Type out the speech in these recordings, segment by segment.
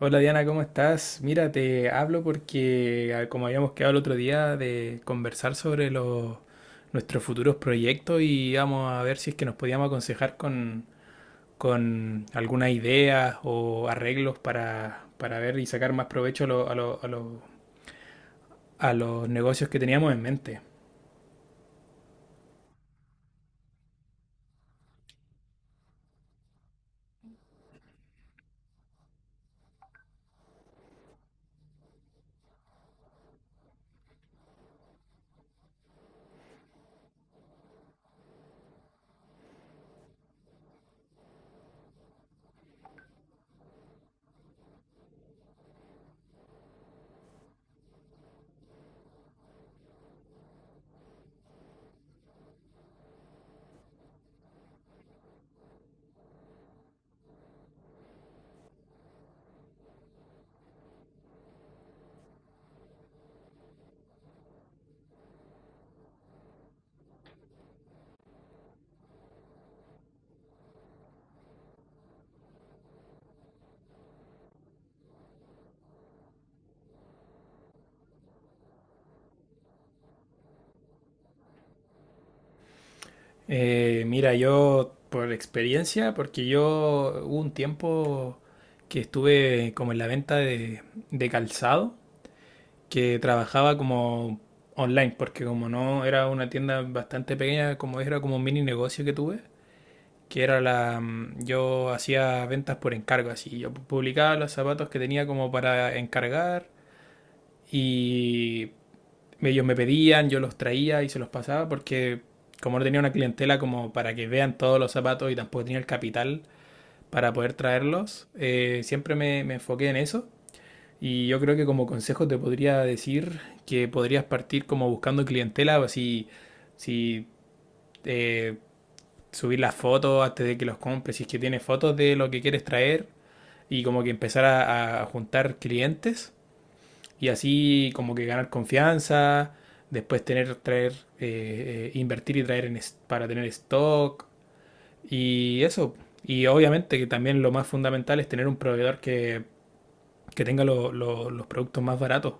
Hola Diana, ¿cómo estás? Mira, te hablo porque, como habíamos quedado el otro día, de conversar sobre nuestros futuros proyectos y vamos a ver si es que nos podíamos aconsejar con algunas ideas o arreglos para ver y sacar más provecho a los negocios que teníamos en mente. Mira, yo por experiencia, porque yo hubo un tiempo que estuve como en la venta de calzado. Que trabajaba como online, porque como no era una tienda bastante pequeña, como era como un mini negocio que tuve, que era yo hacía ventas por encargo, así, yo publicaba los zapatos que tenía como para encargar y ellos me pedían, yo los traía y se los pasaba porque como no tenía una clientela como para que vean todos los zapatos y tampoco tenía el capital para poder traerlos, siempre me enfoqué en eso y yo creo que como consejo te podría decir que podrías partir como buscando clientela, así, si si, eh, subir las fotos antes de que los compres, si es que tienes fotos de lo que quieres traer y como que empezar a juntar clientes y así como que ganar confianza, después tener, invertir y traer en para tener stock y eso. Y obviamente que también lo más fundamental es tener un proveedor que tenga los productos más baratos,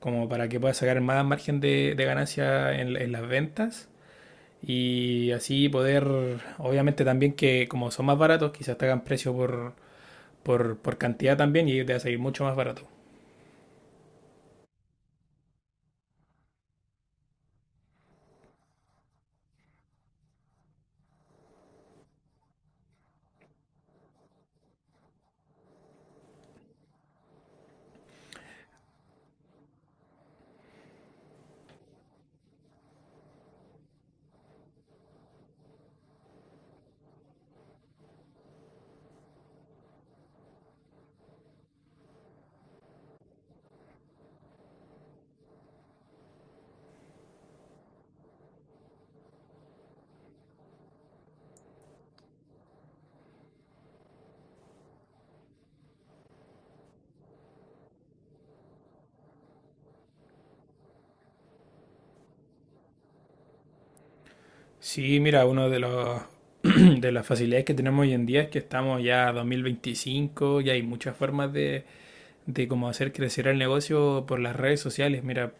como para que pueda sacar más margen de ganancia en las ventas y así poder, obviamente también que como son más baratos, quizás te hagan precio por cantidad también y te va a salir mucho más barato. Sí, mira, uno de los... De las facilidades que tenemos hoy en día es que estamos ya a 2025 y hay muchas formas de cómo hacer crecer el negocio por las redes sociales. Mira,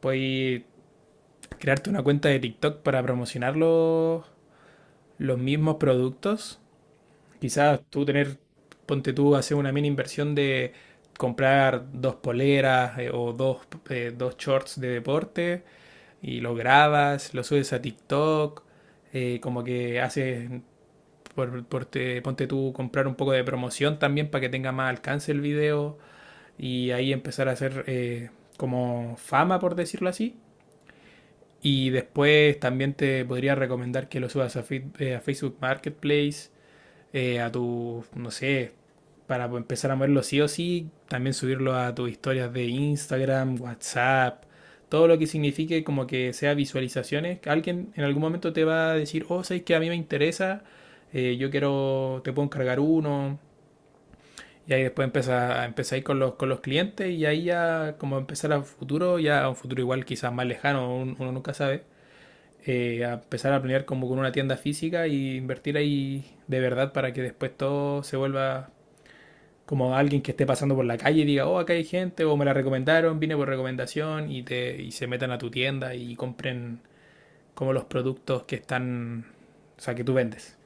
puedes crearte una cuenta de TikTok para promocionarlo los mismos productos. Quizás tú tener, ponte tú, hacer una mini inversión de comprar dos poleras o dos shorts de deporte y los grabas, los subes a TikTok, como que haces, por te- ponte tú, comprar un poco de promoción también para que tenga más alcance el video y ahí empezar a hacer como fama, por decirlo así. Y después también te podría recomendar que lo subas a Facebook Marketplace, a tu, no sé, para empezar a moverlo sí o sí, también subirlo a tus historias de Instagram, WhatsApp, todo lo que signifique como que sea visualizaciones. Alguien en algún momento te va a decir, oh, sabes que a mí me interesa, yo quiero, te puedo encargar uno. Y ahí después empieza a ir con con los clientes y ahí ya como empezar a futuro, ya a un futuro igual quizás más lejano, uno nunca sabe, a empezar a planear como con una tienda física y invertir ahí de verdad para que después todo se vuelva como alguien que esté pasando por la calle y diga, oh, acá hay gente, o me la recomendaron, vine por recomendación, y se metan a tu tienda y compren como los productos que están, o sea, que tú vendes.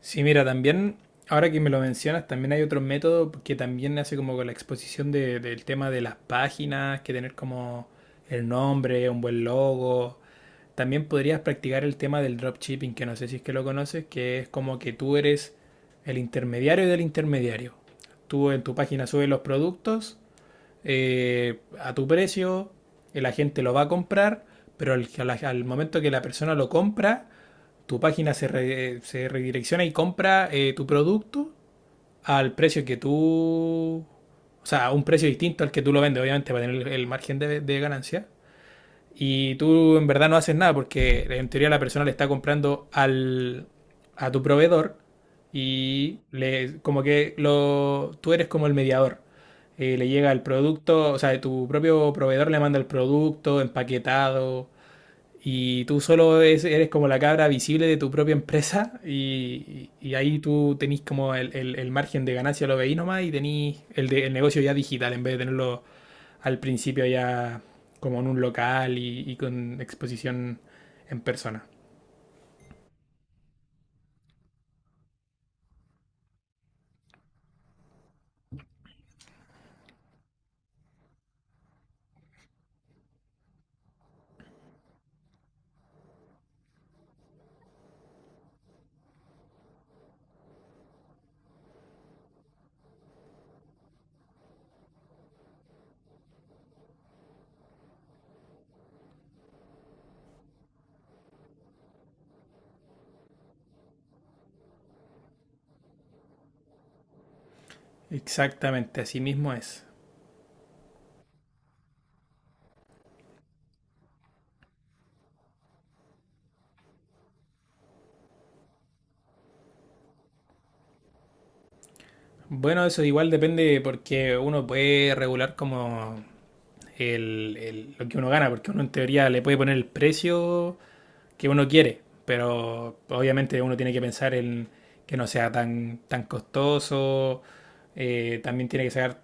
Sí, mira, también, ahora que me lo mencionas, también hay otro método que también hace como con la exposición del tema de las páginas, que tener como el nombre, un buen logo. También podrías practicar el tema del dropshipping, que no sé si es que lo conoces, que es como que tú eres el intermediario del intermediario. Tú en tu página subes los productos a tu precio, la gente lo va a comprar, pero al momento que la persona lo compra, tu página se, re- se redirecciona y compra tu producto al precio que tú, o sea, a un precio distinto al que tú lo vendes, obviamente, para tener el margen de ganancia. Y tú en verdad no haces nada porque en teoría la persona le está comprando al, a tu proveedor y le, como que lo, tú eres como el mediador. Le llega el producto, o sea, tu propio proveedor le manda el producto empaquetado, y tú solo eres como la cabra visible de tu propia empresa y ahí tú tenés como el el margen de ganancia, lo veís nomás y tenés el negocio ya digital en vez de tenerlo al principio ya como en un local y con exposición en persona. Exactamente, así mismo es. Bueno, eso igual depende porque uno puede regular como lo que uno gana, porque uno en teoría le puede poner el precio que uno quiere, pero obviamente uno tiene que pensar en que no sea tan costoso, también tiene que sacar,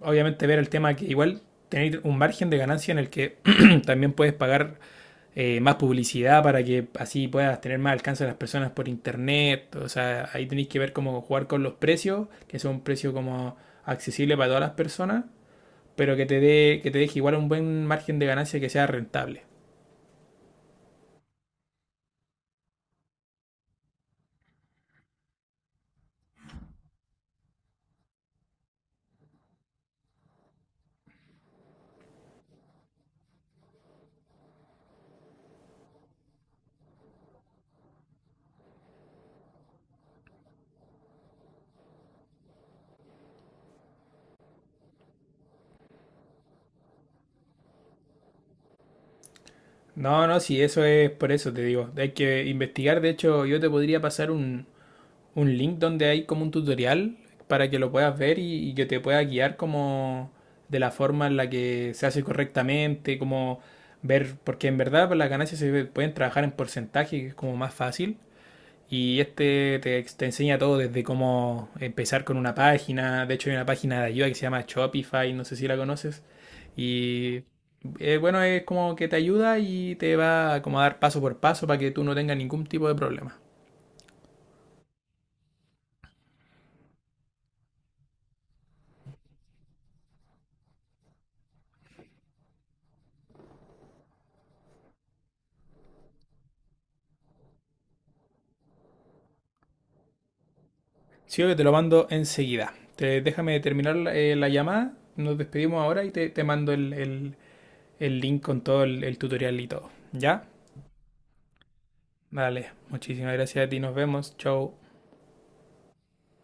obviamente ver el tema que igual tener un margen de ganancia en el que también puedes pagar más publicidad para que así puedas tener más alcance a las personas por internet, o sea, ahí tenéis que ver cómo jugar con los precios, que sea un precio como accesible para todas las personas, pero que te dé que te deje igual un buen margen de ganancia que sea rentable. No, no, sí, eso es, por eso te digo. Hay que investigar. De hecho, yo te podría pasar un link donde hay como un tutorial para que lo puedas ver y que te pueda guiar como de la forma en la que se hace correctamente, como ver, porque en verdad pues, las ganancias se pueden trabajar en porcentaje, que es como más fácil. Y este te enseña todo desde cómo empezar con una página. De hecho, hay una página de ayuda que se llama Shopify, no sé si la conoces. Y bueno, es como que te ayuda y te va como a dar paso por paso para que tú no tengas ningún tipo de problema. Sí, que te lo mando enseguida. Te, déjame terminar la llamada. Nos despedimos ahora te mando el link con todo el tutorial y todo. ¿Ya? Vale, muchísimas gracias a ti. Nos vemos. Chau.